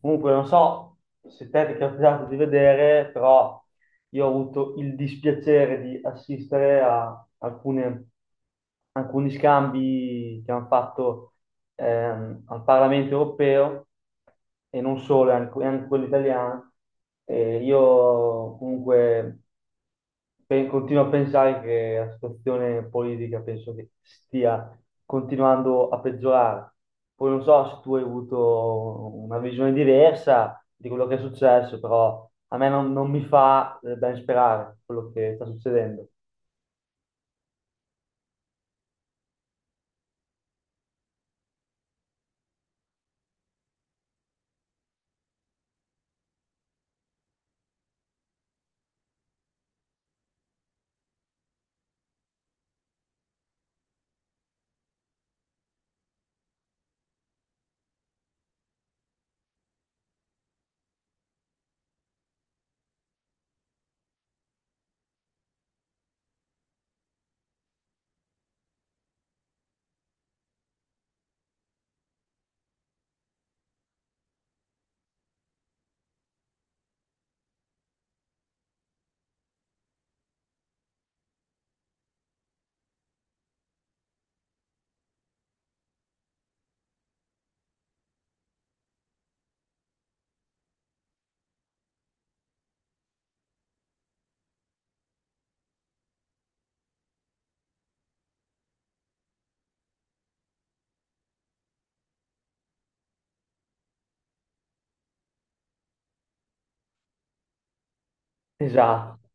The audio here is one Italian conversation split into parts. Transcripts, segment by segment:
Comunque, non so se te ti è capitato di vedere, però io ho avuto il dispiacere di assistere a alcune alcuni scambi che hanno fatto al Parlamento europeo e non solo, anche, anche quello italiano. E io comunque continuo a pensare che la situazione politica penso che stia continuando a peggiorare. Poi non so se tu hai avuto una visione diversa di quello che è successo, però a me non mi fa ben sperare quello che sta succedendo. Esatto.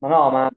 Ma no,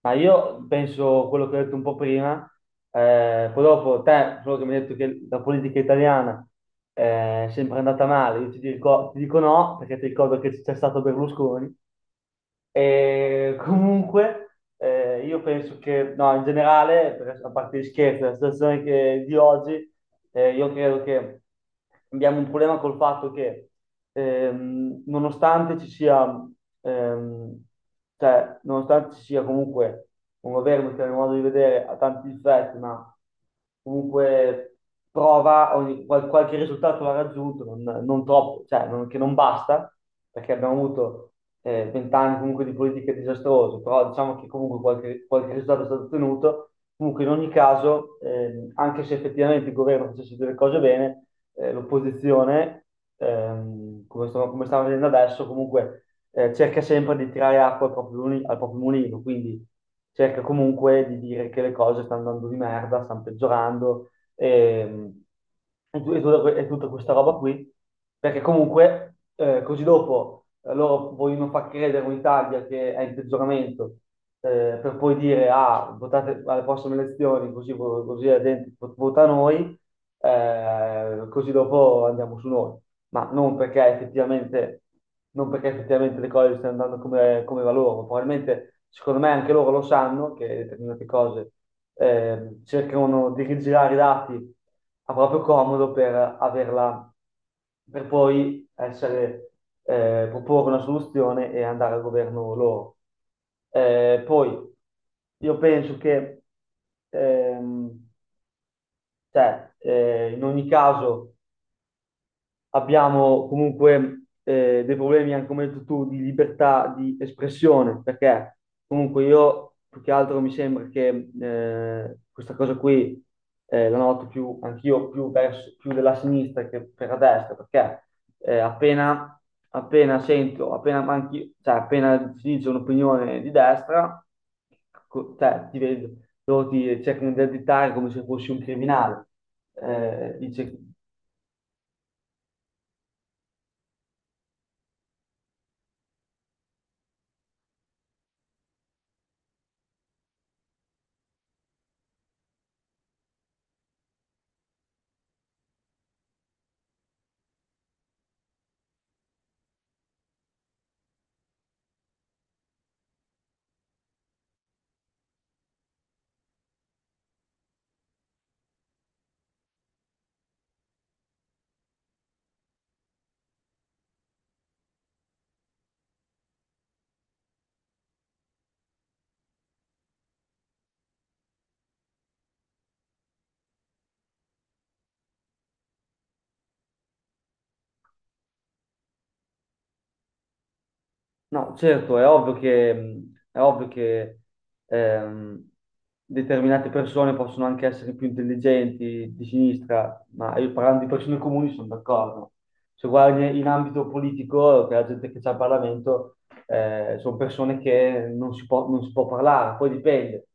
ma io penso quello che ho detto un po' prima, poi dopo te, solo che mi hai detto che la politica italiana è sempre andata male, io ti dico no, perché ti ricordo che c'è stato Berlusconi, e comunque, io penso che, no, in generale, a parte gli scherzi, la situazione di oggi, io credo che abbiamo un problema col fatto che, nonostante ci sia, ehm, cioè, nonostante ci sia comunque un governo che, a mio modo di vedere, ha tanti difetti, ma comunque qualche risultato l'ha raggiunto, non troppo, cioè che non basta, perché abbiamo avuto 20 anni comunque di politiche disastrose, però diciamo che comunque qualche risultato è stato ottenuto. Comunque in ogni caso, anche se effettivamente il governo facesse delle cose bene, l'opposizione, come stiamo vedendo adesso, comunque cerca sempre di tirare acqua al al proprio mulino, quindi cerca comunque di dire che le cose stanno andando di merda, stanno peggiorando e, e tutta questa roba qui, perché comunque così dopo loro vogliono far credere un'Italia che è in peggioramento per poi dire ah, votate alle prossime elezioni, così, così la gente vota noi, così dopo andiamo su noi ma non perché effettivamente le cose stiano andando come, come va loro, probabilmente secondo me anche loro lo sanno che determinate cose cercano di rigirare i dati a proprio comodo per averla, per poi essere, proporre una soluzione e andare al governo loro. Poi io penso che ehm, in ogni caso abbiamo comunque dei problemi, anche come hai detto tu, di libertà di espressione, perché comunque io più che altro mi sembra che questa cosa qui la noto più, anch'io più, verso, più della sinistra che per la destra, perché eh, appena, appena sento, appena, manchi, cioè, appena si dice un'opinione di destra, ti vedo, loro ti cercano di additare come se fossi un criminale eh, dice. No, certo, è ovvio che ehm, determinate persone possono anche essere più intelligenti di sinistra, ma io parlando di persone comuni sono d'accordo se guardi in ambito politico, che la gente che c'è al Parlamento, sono persone che non si può parlare, poi dipende.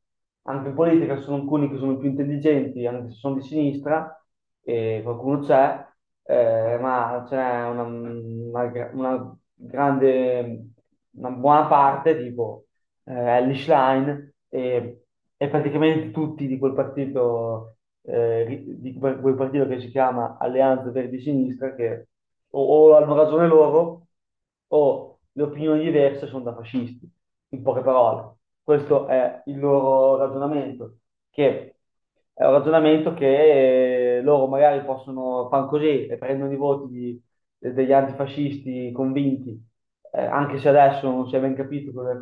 Anche in politica ci sono alcuni che sono più intelligenti, anche se sono di sinistra, e qualcuno c'è, ma c'è una grande, una buona parte, tipo Elly Schlein e praticamente tutti di quel partito, di quel partito che si chiama Alleanza Verdi e Sinistra, che o, o hanno ragione loro o le opinioni diverse sono da fascisti, in poche parole. Questo è il loro ragionamento, che è un ragionamento che loro magari possono fare così e prendono i voti degli antifascisti convinti anche se adesso non si è ben capito cosa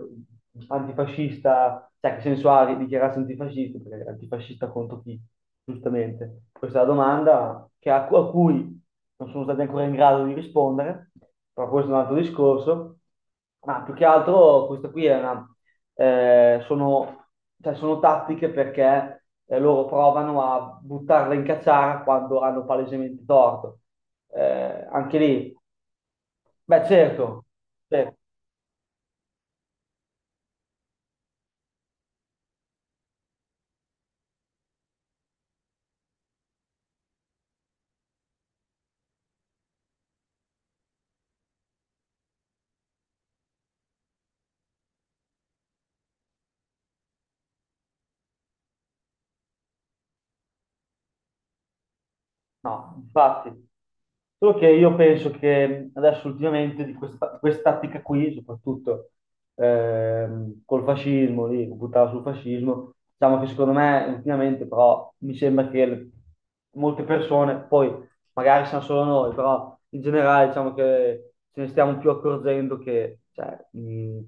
antifascista, cioè che senso ha dichiararsi antifascista, perché è antifascista contro chi, giustamente. Questa è la domanda a cui non sono stati ancora in grado di rispondere, però questo è un altro discorso. Ma più che altro questa qui eh, sono, cioè, sono tattiche perché loro provano a buttarla in cacciara quando hanno palesemente torto. Eh, Anche lì, beh certo, certo. No, infatti. Solo che io penso che adesso ultimamente di questa tattica qui, soprattutto col fascismo, lì, buttava sul fascismo, diciamo che secondo me ultimamente però mi sembra che molte persone, poi magari siamo solo noi, però in generale diciamo che ce ne stiamo più accorgendo che cioè,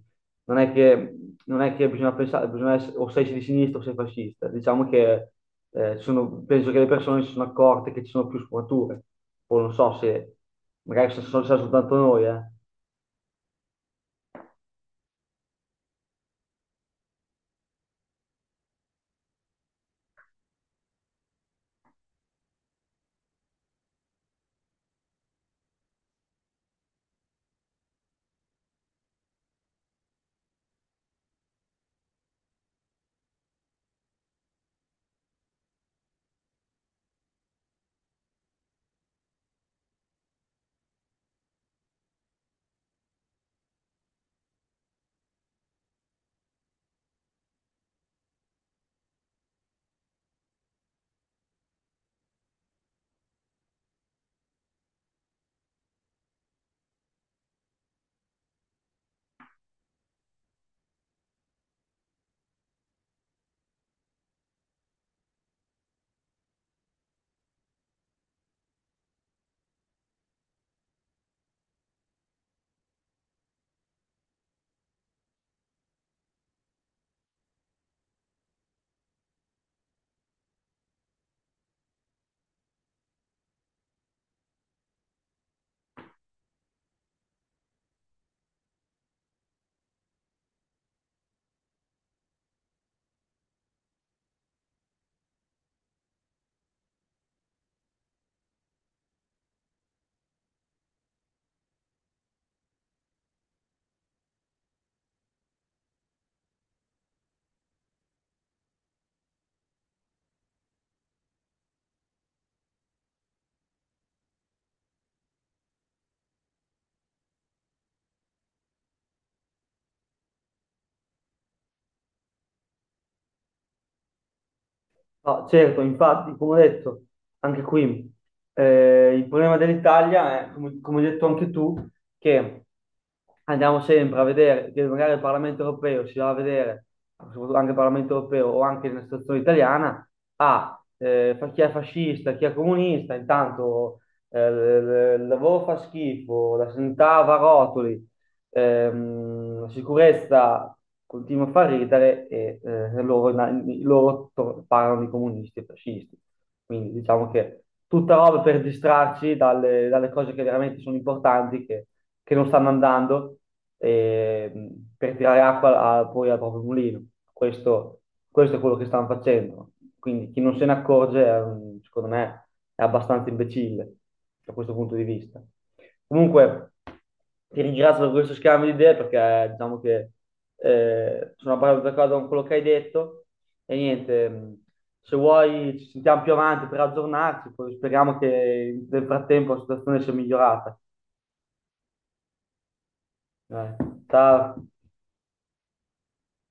non è che, non è che bisogna pensare, bisogna essere, o sei di sinistra o sei fascista, diciamo che penso che le persone si sono accorte che ci sono più sfumature. Poi non so se magari se sono soltanto noi, eh. No, certo, infatti, come ho detto, anche qui il problema dell'Italia è, come, come hai detto anche tu, che andiamo sempre a vedere che magari il Parlamento europeo si va a vedere, soprattutto anche il Parlamento europeo o anche nella situazione italiana, chi è fascista, chi è comunista, intanto eh, il lavoro fa schifo, la sanità va a rotoli, la sicurezza continua a far ridere e loro parlano di comunisti e fascisti. Quindi diciamo che tutta roba per distrarci dalle cose che veramente sono importanti, che non stanno andando, ehm, per tirare acqua poi al proprio mulino. Questo, questo è quello che stanno facendo. Quindi chi non se ne accorge, secondo me, è abbastanza imbecille da questo punto di vista. Comunque, ti ringrazio per questo scambio di idee perché diciamo che sono abbastanza d'accordo con quello che hai detto. E niente, se vuoi ci sentiamo più avanti per aggiornarci, poi speriamo che nel frattempo la situazione sia migliorata. Dai, ciao.